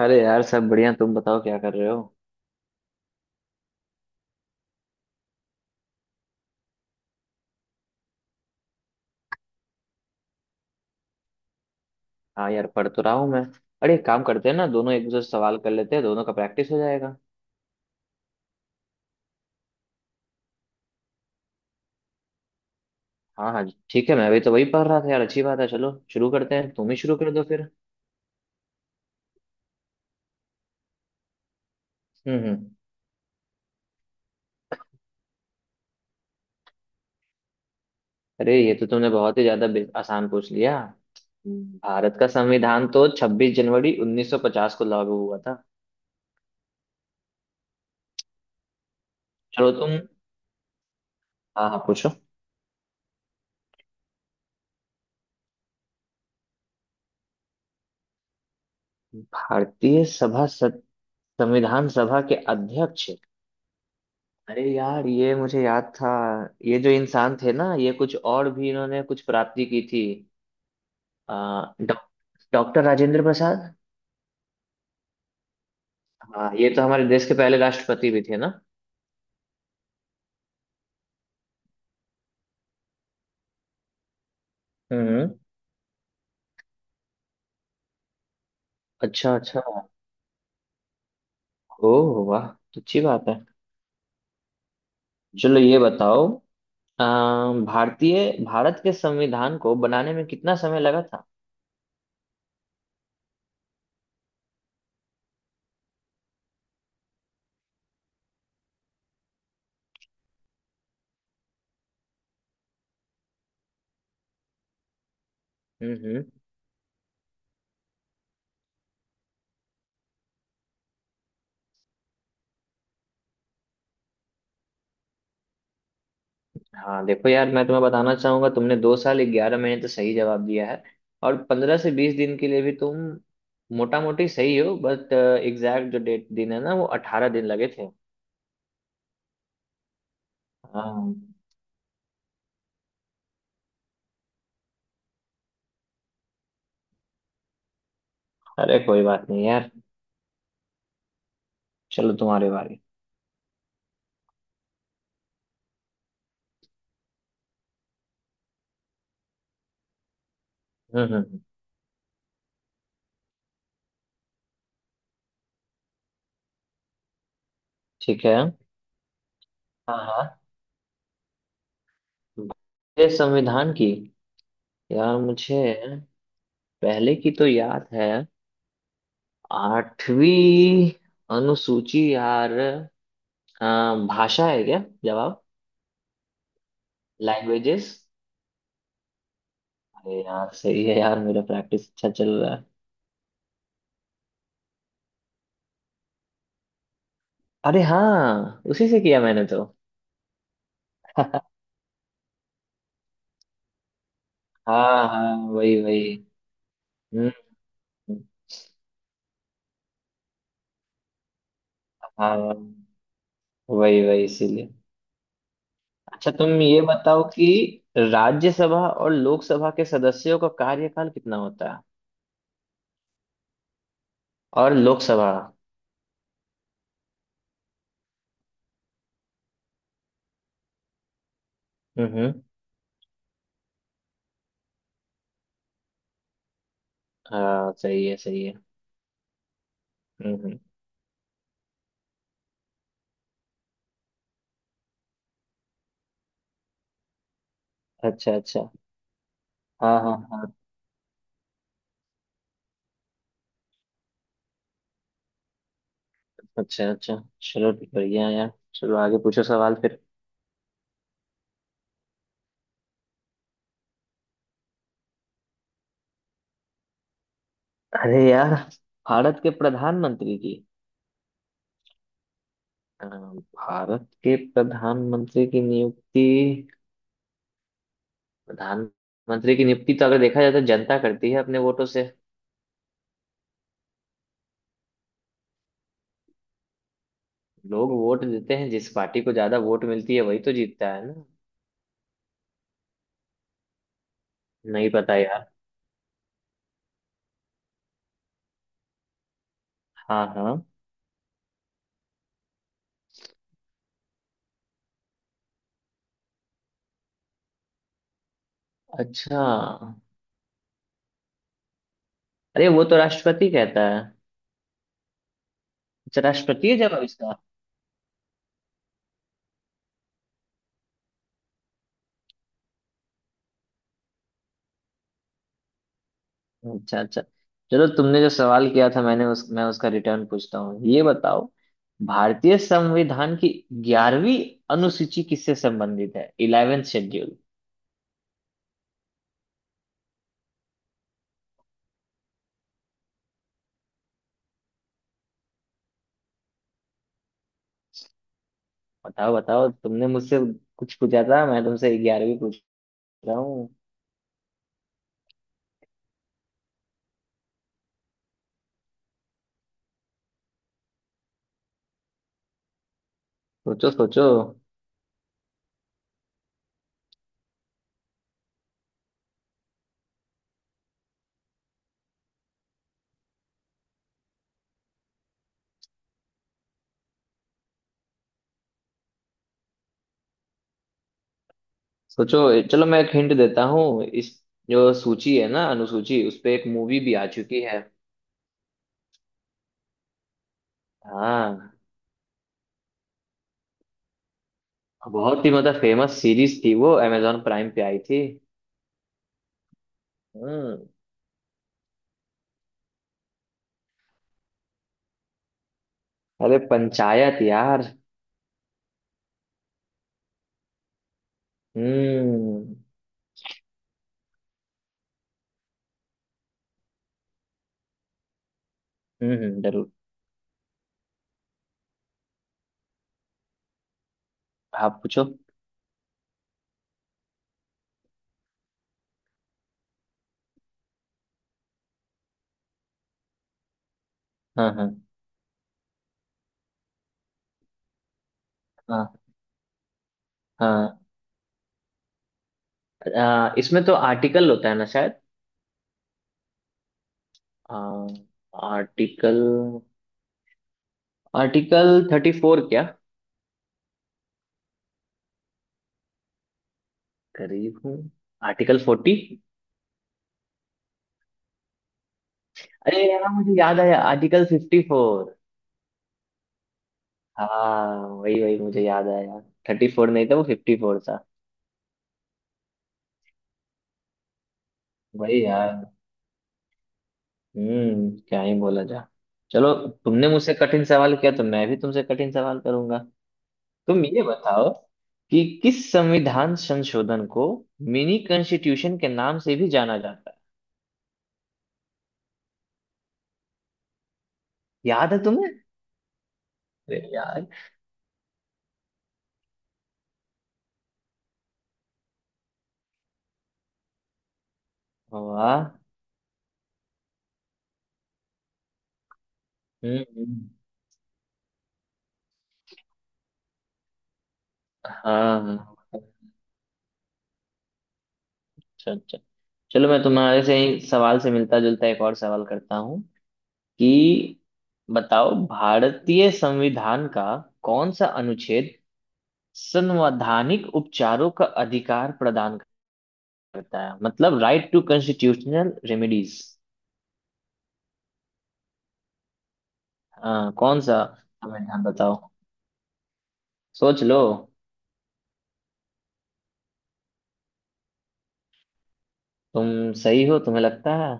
अरे यार, सब बढ़िया। तुम बताओ क्या कर रहे हो? हाँ यार, पढ़ तो रहा हूँ मैं। अरे एक काम करते हैं ना, दोनों एक दूसरे से सवाल कर लेते हैं, दोनों का प्रैक्टिस हो जाएगा। हाँ हाँ। ठीक है, मैं अभी तो वही पढ़ रहा था यार। अच्छी बात है, चलो शुरू करते हैं। तुम ही शुरू कर दो फिर। हम्म। हम्म। अरे ये तो तुमने बहुत ही ज्यादा आसान पूछ लिया। भारत का संविधान तो 26 जनवरी 1950 को लागू हुआ था। चलो तुम। हाँ हाँ, पूछो। भारतीय सभा सत- संविधान सभा के अध्यक्ष। अरे यार, ये मुझे याद था। ये जो इंसान थे ना, ये कुछ और भी इन्होंने कुछ प्राप्ति की थी। आ, डॉ- डॉक्टर राजेंद्र प्रसाद। हाँ, ये तो हमारे देश के पहले राष्ट्रपति भी थे ना। हम्म। अच्छा अच्छा। ओ। वाह। तो अच्छी बात है। चलो, ये बताओ। आ, भारत के संविधान को बनाने में कितना समय लगा था? हम्म। हाँ देखो यार, मैं तुम्हें बताना चाहूंगा, तुमने 2 साल 11 महीने तो सही जवाब दिया है। और 15 से 20 दिन के लिए भी तुम मोटा मोटी सही हो, बट एग्जैक्ट जो डेट दिन है ना, वो 18 दिन लगे थे। हाँ। अरे कोई बात नहीं यार। चलो, तुम्हारी बारी। हम्म। हम्म। हम्म। ठीक है। हाँ हाँ। ये संविधान की। यार मुझे पहले की तो याद है। आठवीं अनुसूची यार। अ, भाषा है क्या जवाब? लैंग्वेजेस। अरे यार सही है यार, मेरा प्रैक्टिस अच्छा चल रहा है। अरे हाँ, उसी से किया मैंने तो। हाँ हाँ, वही वही। हम्म। हाँ, वही वही, इसीलिए। अच्छा, तुम ये बताओ कि राज्यसभा और लोकसभा के सदस्यों का कार्यकाल कितना होता है? और लोकसभा। हम्म। हम्म। हाँ, सही है सही है। हम्म। हम्म। अच्छा अच्छा। हाँ हाँ हाँ। अच्छा अच्छा। चलो बढ़िया है यार, चलो आगे पूछो सवाल फिर। अरे यार। भारत के प्रधानमंत्री की। भारत के प्रधानमंत्री की नियुक्ति। प्रधानमंत्री की नियुक्ति तो अगर देखा जाए तो जनता करती है अपने वोटों से। लोग वोट देते हैं, जिस पार्टी को ज्यादा वोट मिलती है वही तो जीतता है ना। नहीं पता यार। हाँ हाँ। अच्छा। अरे वो तो राष्ट्रपति कहता है। अच्छा, राष्ट्रपति है जवाब इसका। अच्छा अच्छा। चलो, तुमने जो सवाल किया था, मैं उसका रिटर्न पूछता हूँ। ये बताओ, भारतीय संविधान की 11वीं अनुसूची किससे संबंधित है, 11th शेड्यूल? बताओ बताओ, तुमने मुझसे कुछ पूछा था, मैं तुमसे 11वीं पूछ रहा हूँ। सोचो सोचो। सोचो, चलो मैं एक हिंट देता हूँ। इस जो सूची है ना, अनुसूची, उस पे एक मूवी भी आ चुकी है। हाँ। बहुत ही मतलब फेमस सीरीज थी, वो amazon प्राइम पे आई थी। हम्म। अरे पंचायत यार। हम्म। हम्म। जरूर। आप पूछो। हाँ हाँ हाँ हाँ। इसमें तो आर्टिकल होता है ना शायद। आर्टिकल आर्टिकल 34 क्या? करीब हूँ। आर्टिकल 40। अरे यार मुझे याद आया, आर्टिकल 54। हाँ वही वही, मुझे याद आया। 34 नहीं था, वो 54 था। वही यार। हम्म, क्या ही बोला जा। चलो, तुमने मुझसे कठिन सवाल किया तो मैं भी तुमसे कठिन सवाल करूंगा। तुम ये बताओ कि किस संविधान संशोधन को मिनी कॉन्स्टिट्यूशन के नाम से भी जाना जाता है? याद है तुम्हें? अरे यार। वाह। हम्म। हम्म। हाँ हाँ। हाँ। अच्छा अच्छा। चलो, मैं तुम्हारे से ही सवाल से मिलता जुलता एक और सवाल करता हूँ। कि बताओ, भारतीय संविधान का कौन सा अनुच्छेद संवैधानिक उपचारों का अधिकार प्रदान करता है, मतलब राइट टू कॉन्स्टिट्यूशनल रेमेडीज? हाँ, कौन सा? संविधान बताओ। सोच लो। तुम सही हो, तुम्हें लगता है?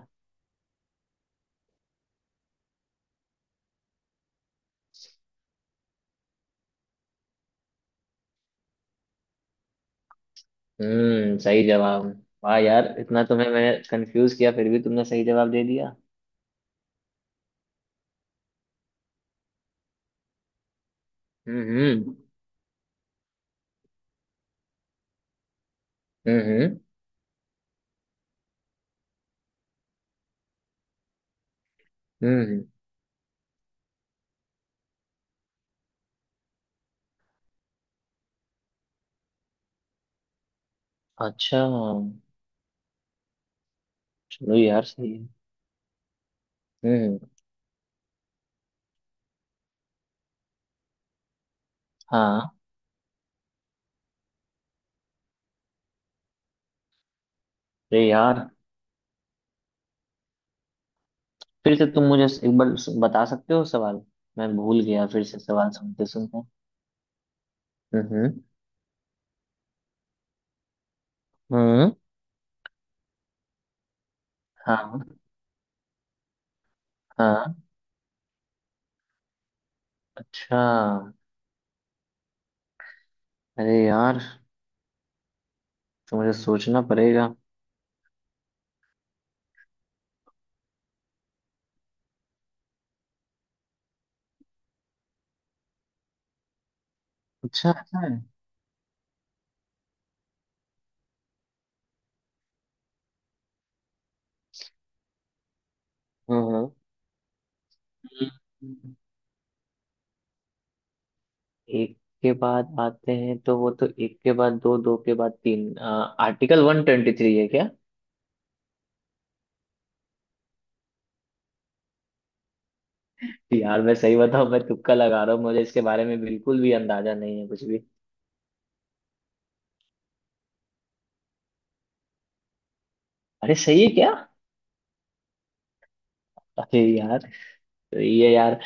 हम्म, सही जवाब। वाह यार, इतना तुम्हें मैं कंफ्यूज किया फिर भी तुमने सही जवाब दे दिया। हम्म। हम्म। हम्म। हम्म। हम्म। अच्छा, चलो यार सही है। हम्म। हाँ। अरे यार, फिर से तुम मुझे एक बार बता सकते हो सवाल? मैं भूल गया, फिर से सवाल सुनते सुनते। हम्म। हम्म। हाँ। हाँ। अच्छा। अरे यार, तो मुझे सोचना पड़ेगा। अच्छा, ऐसा है? हाँ हाँ। हम्म, एक के बाद आते हैं, तो वो तो एक के बाद दो, दो के बाद तीन। आर्टिकल 123 है क्या? यार मैं सही बताऊं, मैं तुक्का लगा रहा हूँ, मुझे इसके बारे में बिल्कुल भी अंदाजा नहीं है कुछ भी। अरे सही है। अरे यार। ये यार।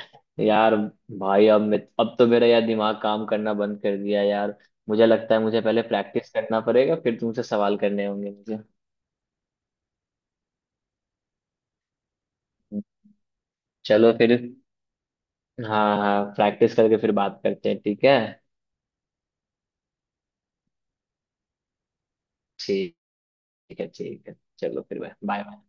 यार। भाई अब मैं अब तो मेरा यार दिमाग काम करना बंद कर दिया यार। मुझे लगता है, मुझे पहले प्रैक्टिस करना पड़ेगा, फिर तुमसे सवाल करने होंगे मुझे। चलो फिर। हाँ हाँ, प्रैक्टिस करके फिर बात करते हैं, ठीक है? ठीक है। ठीक है, चलो फिर, बाय बाय।